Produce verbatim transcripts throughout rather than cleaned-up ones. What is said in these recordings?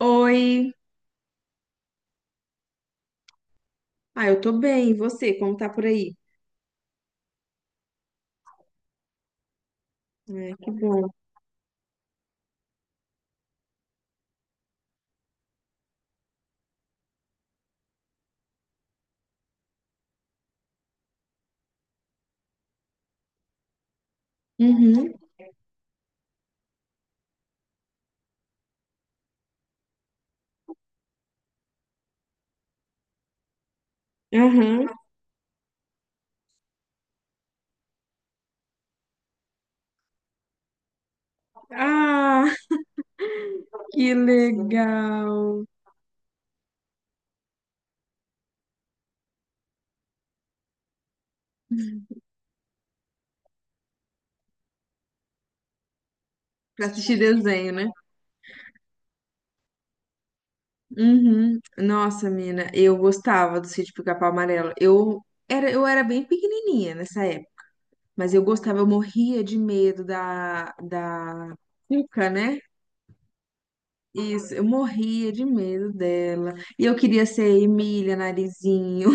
Oi. Ah, eu tô bem. E você, como tá por aí? É, que bom. Uhum. Aham. Ah, que legal. Pra assistir desenho, né? Uhum. Nossa, mina, eu gostava do Sítio Pica-Pau Amarelo. Eu era, eu era bem pequenininha nessa época, mas eu gostava, eu morria de medo da, da Cuca, né? Isso, eu morria de medo dela. E eu queria ser Emília Narizinho.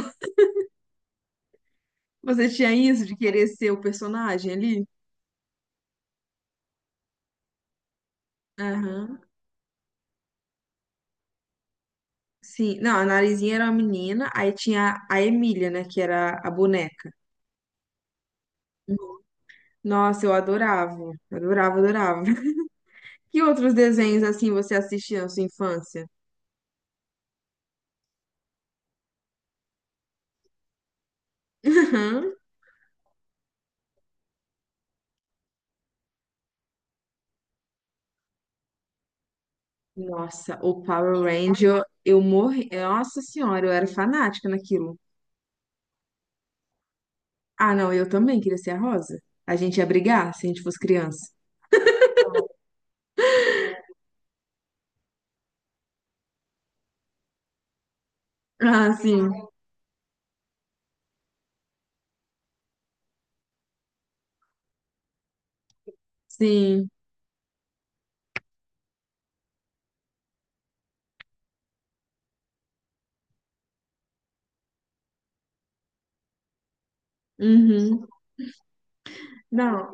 Você tinha isso de querer ser o personagem ali? Aham. Sim. Não, a Narizinha era uma menina, aí tinha a Emília, né, que era a boneca. Nossa, eu adorava, adorava, adorava. Que outros desenhos assim você assistia na sua infância? Aham. Nossa, o Power Ranger, eu morri. Nossa senhora, eu era fanática naquilo. Ah, não, eu também queria ser a Rosa. A gente ia brigar se a gente fosse criança. Ah, sim, sim. Uhum. Não,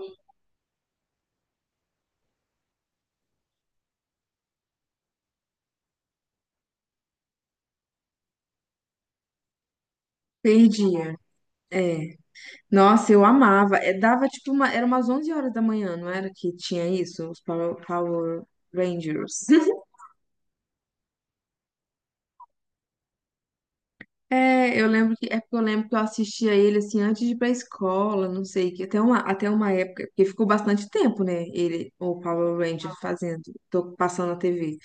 perdia. É. Nossa, eu amava. É, dava tipo uma, era umas onze horas da manhã, não era que tinha isso? Os Power, Power Rangers. É, eu lembro que é porque eu lembro que eu assistia ele assim antes de ir pra escola, não sei, que até uma, até uma época, porque ficou bastante tempo, né? Ele, o Power Ranger fazendo, tô passando na T V.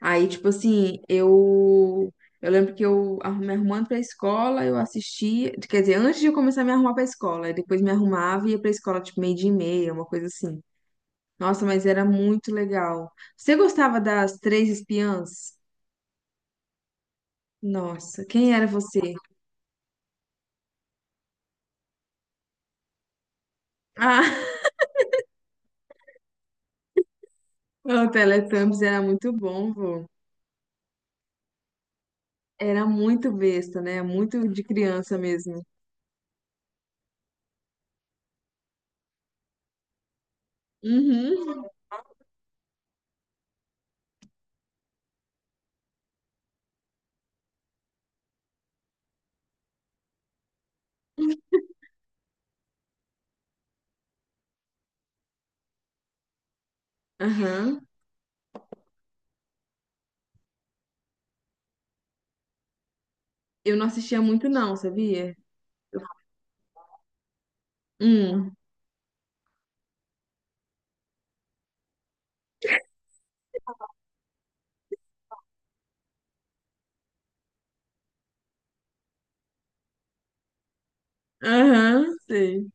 Aí, tipo assim, eu eu lembro que eu arru- me arrumando pra escola, eu assistia, quer dizer, antes de eu começar a me arrumar pra escola, aí depois me arrumava e ia pra escola tipo meio dia e meia, uma coisa assim. Nossa, mas era muito legal. Você gostava das Três Espiãs? Nossa, quem era você? Ah, o Teletubbies era muito bom, vô. Era muito besta, né? Muito de criança mesmo. Uhum. Aham. Eu não assistia muito, não, sabia? Hum. Aham, sei.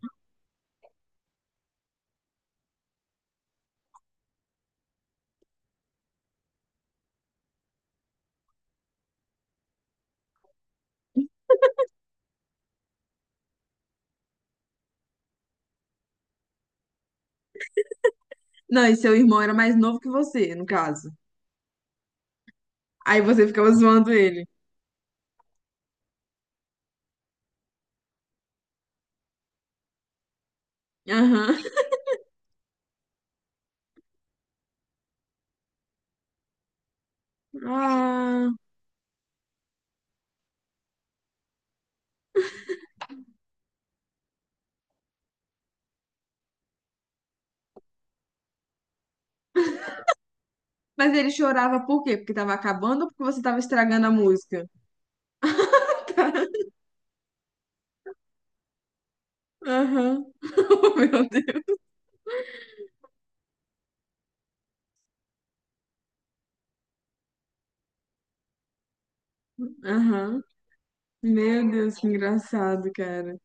Não, e seu irmão era mais novo que você, no caso. Aí você ficava zoando ele. Aham. Ah. Mas ele chorava por quê? Porque tava acabando ou porque você tava estragando a música? Aham. Meu Deus. Aham. Meu Deus, que engraçado, cara.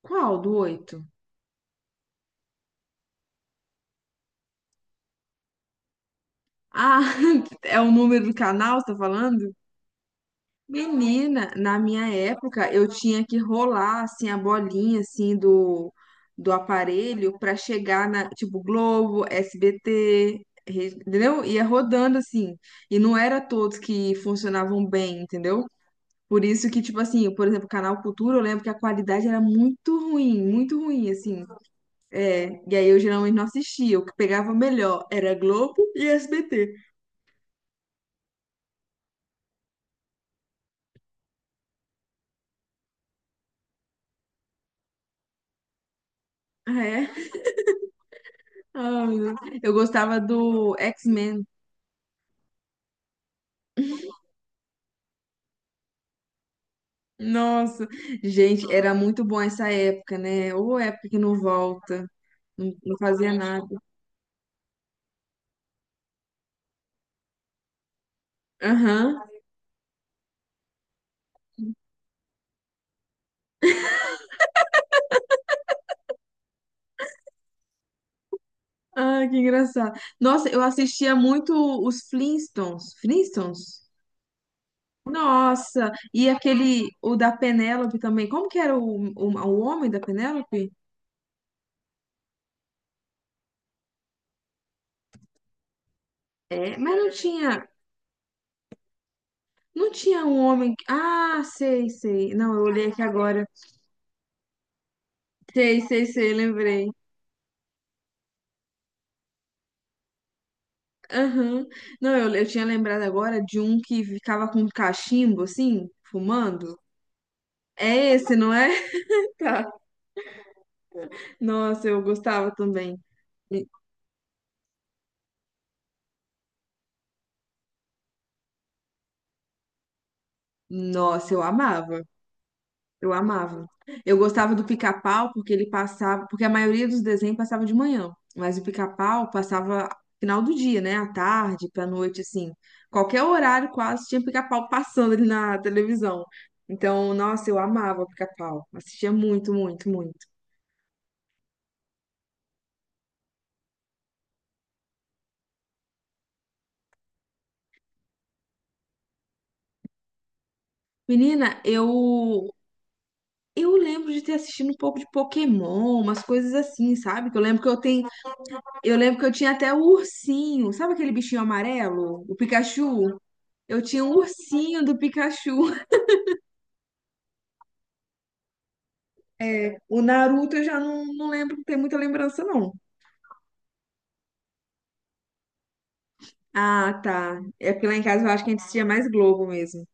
Qual do oito? Ah, é o número do canal, você tá falando? Menina, na minha época, eu tinha que rolar, assim, a bolinha, assim, do, do aparelho pra chegar na, tipo, Globo, S B T, re- entendeu? Ia rodando, assim. E não era todos que funcionavam bem, entendeu? Por isso que, tipo assim, por exemplo, Canal Cultura, eu lembro que a qualidade era muito ruim, muito ruim, assim. E aí eu geralmente não assistia. O que pegava melhor era Globo e S B T. Ah, é? Ah, meu Deus. Eu gostava do X-Men. Nossa, gente, era muito bom essa época, né? Ou época que não volta, não, não fazia nada. Aham. Ah, que engraçado. Nossa, eu assistia muito os Flintstones. Flintstones? Nossa, e aquele, o da Penélope também. Como que era o, o, o homem da Penélope? É, mas não tinha. Não tinha um homem. que- Ah, sei, sei. Não, eu olhei aqui agora. Sei, sei, sei, lembrei. Aham. Não, eu, eu tinha lembrado agora de um que ficava com um cachimbo, assim, fumando. É esse, não é? Tá. Nossa, eu gostava também. E- Nossa, eu amava. Eu amava. Eu gostava do Pica-Pau porque ele passava, porque a maioria dos desenhos passava de manhã, mas o Pica-Pau passava final do dia, né? À tarde, pra noite, assim. Qualquer horário quase tinha Pica-Pau passando ali na televisão. Então, nossa, eu amava o Pica-Pau. Assistia muito, muito, muito. Menina, eu eu lembro de ter assistido um pouco de Pokémon, umas coisas assim, sabe? Que eu lembro que eu tenho, eu lembro que eu tinha até o ursinho, sabe aquele bichinho amarelo, o Pikachu? Eu tinha um ursinho do Pikachu. O Naruto eu já não, não lembro, não tem muita lembrança, não. Ah, tá. É porque lá em casa eu acho que a gente assistia mais Globo mesmo.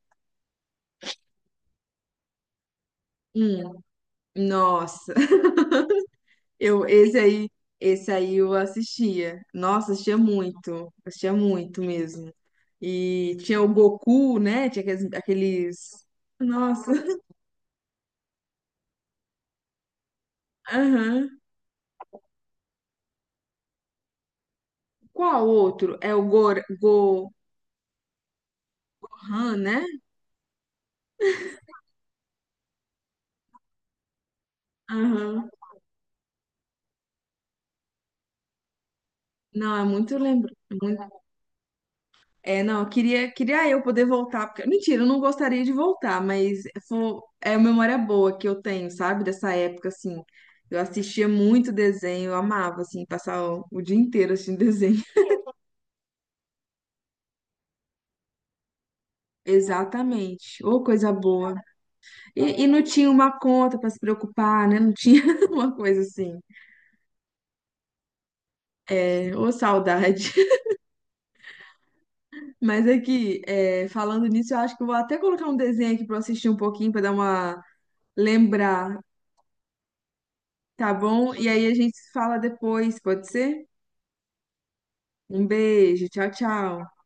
Hum, nossa. Eu, esse aí, esse aí eu assistia. Nossa, assistia muito. Assistia muito mesmo. E tinha o Goku, né? Tinha aqueles... aqueles- Nossa. Aham. Qual outro? É o Gor... Gohan, né? Aham. Não, é muito lembro. É, não, eu queria, queria eu poder voltar, porque, mentira, eu não gostaria de voltar, mas fo- é uma memória boa que eu tenho, sabe, dessa época, assim, eu assistia muito desenho, eu amava, assim, passar o, o dia inteiro assistindo desenho. Exatamente, ô, coisa boa. E, e não tinha uma conta pra se preocupar, né, não tinha uma coisa assim, é, ô, saudade. Mas aqui, é, falando nisso, eu acho que eu vou até colocar um desenho aqui pra eu assistir um pouquinho, pra dar uma... Lembrar. Tá bom? E aí a gente se fala depois, pode ser? Um beijo, tchau, tchau.